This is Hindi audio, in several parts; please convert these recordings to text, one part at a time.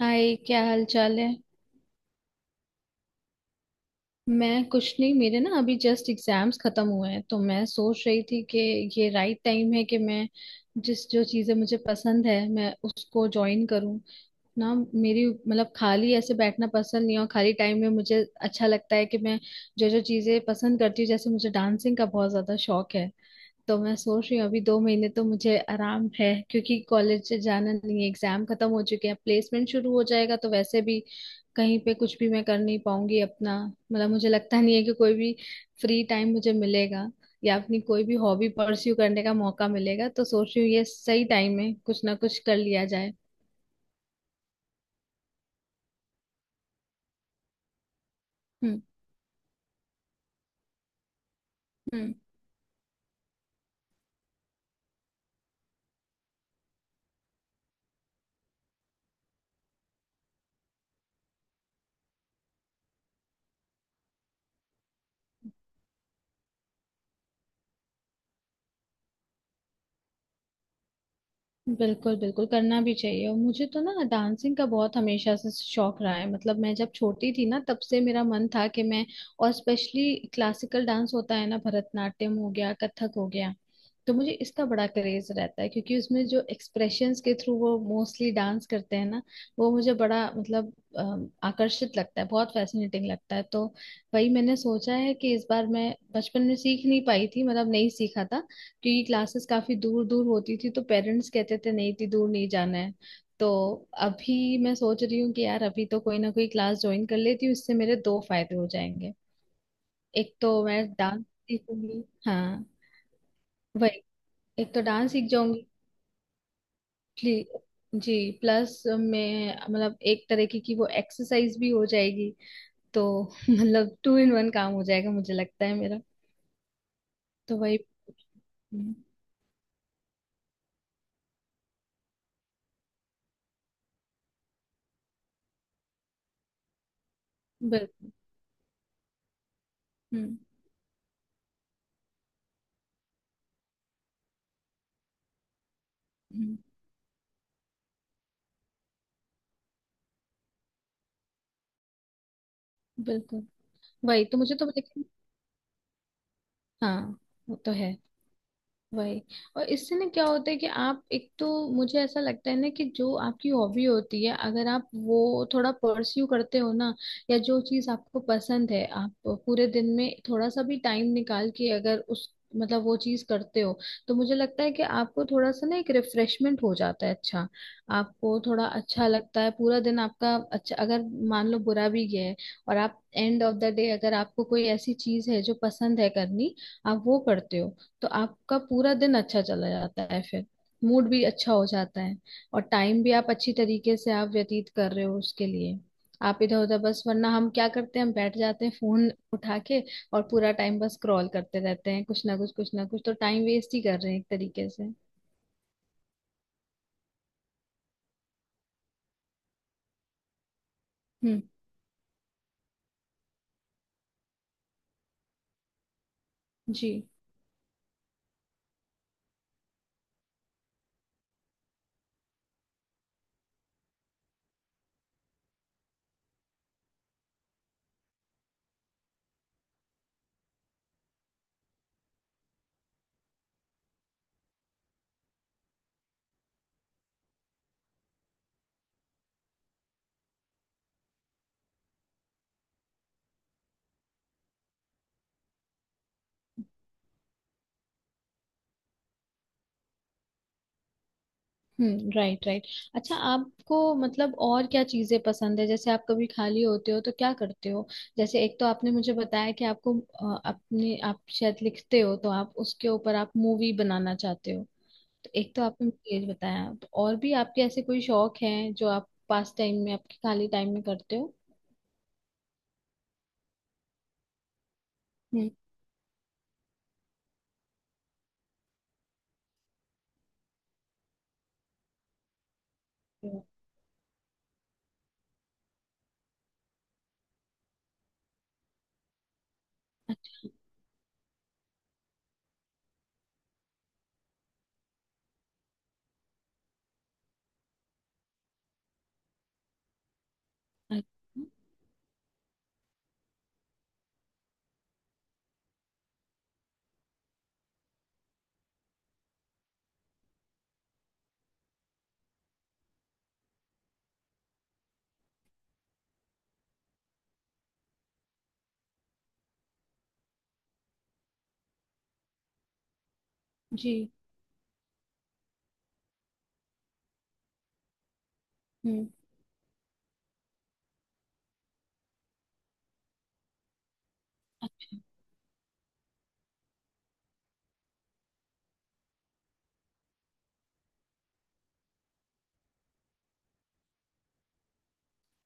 हाय, क्या हाल चाल है। मैं कुछ नहीं, मेरे ना अभी जस्ट एग्जाम्स खत्म हुए हैं तो मैं सोच रही थी कि ये राइट टाइम है कि मैं जिस जो चीजें मुझे पसंद है मैं उसको ज्वाइन करूं ना। मेरी मतलब खाली ऐसे बैठना पसंद नहीं है और खाली टाइम में मुझे अच्छा लगता है कि मैं जो जो चीजें पसंद करती हूँ, जैसे मुझे डांसिंग का बहुत ज्यादा शौक है। तो मैं सोच रही हूँ अभी दो महीने तो मुझे आराम है क्योंकि कॉलेज से जाना नहीं है, एग्जाम खत्म हो चुके हैं, प्लेसमेंट शुरू हो जाएगा तो वैसे भी कहीं पे कुछ भी मैं कर नहीं पाऊंगी अपना, मतलब मुझे लगता नहीं है कि कोई भी फ्री टाइम मुझे मिलेगा या अपनी कोई भी हॉबी परस्यू करने का मौका मिलेगा, तो सोच रही हूँ ये सही टाइम है कुछ ना कुछ कर लिया जाए। हम्म। हम्म। बिल्कुल बिल्कुल करना भी चाहिए और मुझे तो ना डांसिंग का बहुत हमेशा से शौक रहा है। मतलब मैं जब छोटी थी ना तब से मेरा मन था कि मैं, और स्पेशली क्लासिकल डांस होता है ना, भरतनाट्यम हो गया कथक हो गया, तो मुझे इसका बड़ा क्रेज रहता है क्योंकि उसमें जो एक्सप्रेशंस के थ्रू वो मोस्टली डांस करते हैं ना, वो मुझे बड़ा मतलब आकर्षित लगता है, बहुत फैसिनेटिंग लगता है। तो वही मैंने सोचा है कि इस बार मैं बचपन में सीख नहीं पाई थी, मतलब नहीं सीखा था क्योंकि क्लासेस काफी दूर दूर होती थी तो पेरेंट्स कहते थे नहीं, थी दूर नहीं जाना है। तो अभी मैं सोच रही हूँ कि यार अभी तो कोई ना कोई क्लास ज्वाइन कर लेती हूँ, इससे मेरे दो फायदे हो जाएंगे। एक तो मैं डांस सीखूंगी, हाँ वही। एक तो डांस सीख जाऊंगी। प्ली- जी। प्लस मैं मतलब एक तरीके की वो एक्सरसाइज भी हो जाएगी, तो मतलब टू इन वन काम हो जाएगा मुझे लगता है मेरा। तो वही। हम्म, बिल्कुल। हम्म। हम्म, बिल्कुल। वही तो मुझे तो, लेकिन हाँ, वो तो है वही। और इससे ना क्या होता है कि आप एक तो, मुझे ऐसा लगता है ना कि जो आपकी हॉबी होती है, अगर आप वो थोड़ा परस्यू करते हो ना, या जो चीज आपको पसंद है आप पूरे दिन में थोड़ा सा भी टाइम निकाल के अगर उस मतलब वो चीज करते हो, तो मुझे लगता है कि आपको थोड़ा सा ना एक रिफ्रेशमेंट हो जाता है। अच्छा, आपको थोड़ा अच्छा लगता है, पूरा दिन आपका अच्छा, अगर मान लो बुरा भी गया है और आप एंड ऑफ द डे अगर आपको कोई ऐसी चीज है जो पसंद है करनी, आप वो करते हो, तो आपका पूरा दिन अच्छा चला जाता है फिर, मूड भी अच्छा हो जाता है और टाइम भी आप अच्छी तरीके से आप व्यतीत कर रहे हो उसके लिए। आप इधर उधर बस, वरना हम क्या करते हैं, हम बैठ जाते हैं फोन उठा के और पूरा टाइम बस स्क्रॉल करते रहते हैं कुछ ना कुछ, कुछ ना कुछ, तो टाइम वेस्ट ही कर रहे हैं एक तरीके से। हम्म। जी। हम्म, राइट राइट। अच्छा, आपको मतलब और क्या चीजें पसंद है, जैसे आप कभी खाली होते हो तो क्या करते हो? जैसे एक तो आपने मुझे बताया कि आपको अपने आप शायद लिखते हो तो आप उसके ऊपर आप मूवी बनाना चाहते हो, तो एक तो आपने मुझे ये बताया, तो और भी आपके ऐसे कोई शौक हैं जो आप पास टाइम में आपके खाली टाइम में करते हो? हम्म। अच्छा। अच्छा। जी। हम्म।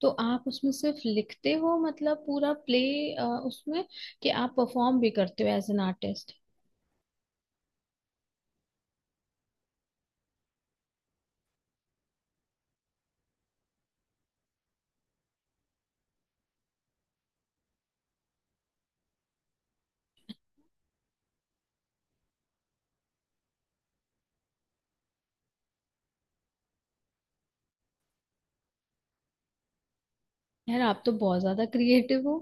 तो आप उसमें सिर्फ लिखते हो मतलब पूरा प्ले उसमें, कि आप परफॉर्म भी करते हो एज एन आर्टिस्ट? यार आप तो बहुत ज्यादा क्रिएटिव हो,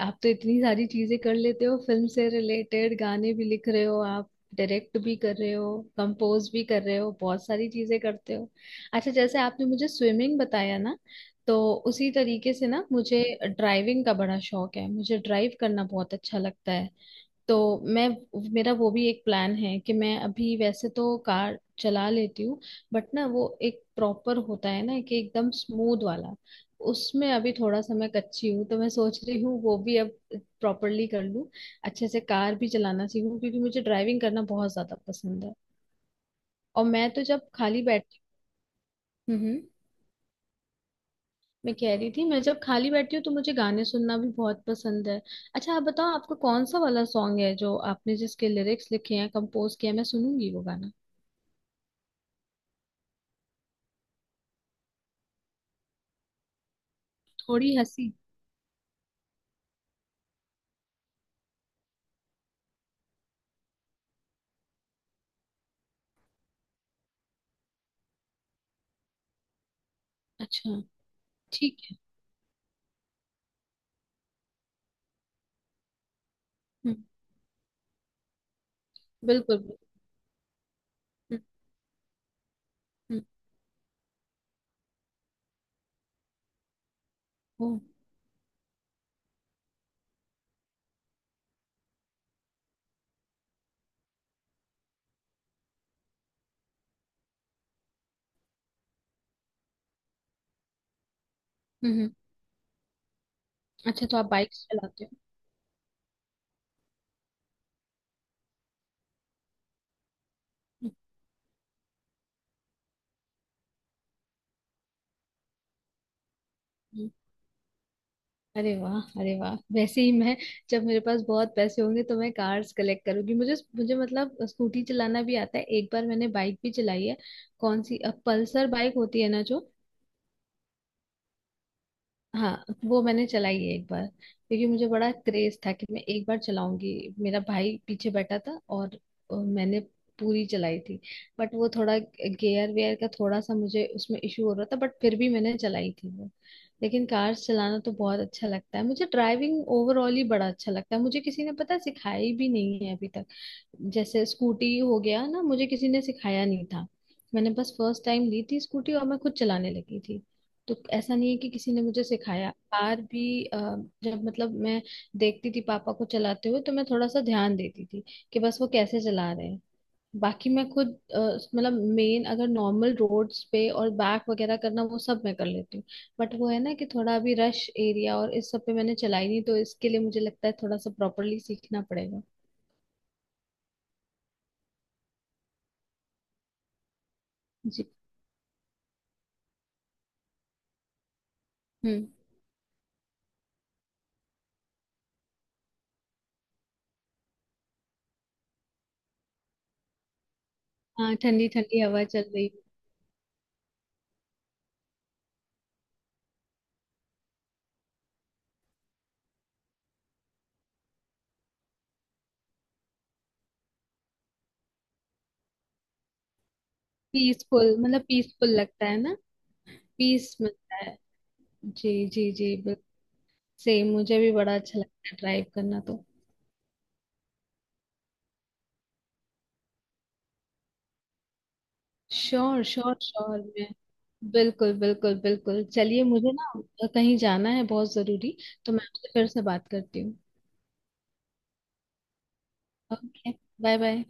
आप तो इतनी सारी चीजें कर लेते हो, फिल्म से रिलेटेड गाने भी लिख रहे हो आप, डायरेक्ट भी कर रहे हो, कंपोज भी कर रहे हो, बहुत सारी चीजें करते हो। अच्छा, जैसे आपने मुझे स्विमिंग बताया ना, तो उसी तरीके से ना मुझे ड्राइविंग का बड़ा शौक है, मुझे ड्राइव करना बहुत अच्छा लगता है। तो मैं, मेरा वो भी एक प्लान है कि मैं अभी वैसे तो कार चला लेती हूँ, बट ना वो एक प्रॉपर होता है ना कि एकदम स्मूथ वाला, उसमें अभी थोड़ा सा मैं कच्ची हूँ तो मैं सोच रही हूँ वो भी अब प्रॉपरली कर लूँ, अच्छे से कार भी चलाना सीखूँ क्योंकि मुझे ड्राइविंग करना बहुत ज्यादा पसंद है। और मैं तो जब खाली बैठती हूँ, मैं कह रही थी मैं जब खाली बैठती हूँ तो मुझे गाने सुनना भी बहुत पसंद है। अच्छा आप बताओ आपको कौन सा वाला सॉन्ग है जो आपने, जिसके लिरिक्स लिखे हैं कंपोज किया है? मैं सुनूंगी वो गाना। थोड़ी हंसी। अच्छा, ठीक है। हम्म। बिल्कुल बिल्कुल। हम्म। हम्म, ओह, हम्म, हम्म। अच्छा तो आप बाइक चलाते हो? हम्म, हम्म। अरे वाह, अरे वाह! वैसे ही मैं, जब मेरे पास बहुत पैसे होंगे तो मैं कार्स कलेक्ट करूंगी। मुझे मुझे मतलब स्कूटी चलाना भी आता है, एक बार मैंने बाइक भी चलाई है। कौन सी, अब पल्सर बाइक होती है ना जो, हाँ वो मैंने चलाई है एक बार क्योंकि मुझे बड़ा क्रेज था कि मैं एक बार चलाऊंगी। मेरा भाई पीछे बैठा था और मैंने पूरी चलाई थी, बट वो थोड़ा गियर वेयर का थोड़ा सा मुझे उसमें इशू हो रहा था, बट फिर भी मैंने चलाई थी वो। लेकिन कार्स चलाना तो बहुत अच्छा लगता है मुझे, ड्राइविंग ओवरऑल ही बड़ा अच्छा लगता है मुझे, किसी ने पता है सिखाई भी नहीं है अभी तक। जैसे स्कूटी हो गया ना, मुझे किसी ने सिखाया नहीं था, मैंने बस फर्स्ट टाइम ली थी स्कूटी और मैं खुद चलाने लगी थी। तो ऐसा नहीं है कि किसी ने मुझे सिखाया, कार भी जब मतलब मैं देखती थी पापा को चलाते हुए तो मैं थोड़ा सा ध्यान देती थी कि बस वो कैसे चला रहे हैं, बाकी मैं खुद अ, मतलब मेन अगर नॉर्मल रोड्स पे और बैक वगैरह करना वो सब मैं कर लेती हूँ, बट वो है ना कि थोड़ा अभी रश एरिया और इस सब पे मैंने चलाई नहीं, तो इसके लिए मुझे लगता है थोड़ा सा प्रॉपरली सीखना पड़ेगा। जी। हम्म। हाँ, ठंडी ठंडी हवा चल रही। पीसफुल, मतलब पीसफुल लगता है ना। पीस मिलता है। जी जी जी, बिल्कुल। सेम, मुझे भी बड़ा अच्छा लगता है ड्राइव करना, तो। श्योर श्योर श्योर, मैं बिल्कुल बिल्कुल बिल्कुल, चलिए। मुझे ना कहीं जाना है बहुत जरूरी, तो मैं आपसे फिर से बात करती हूँ। Okay bye bye.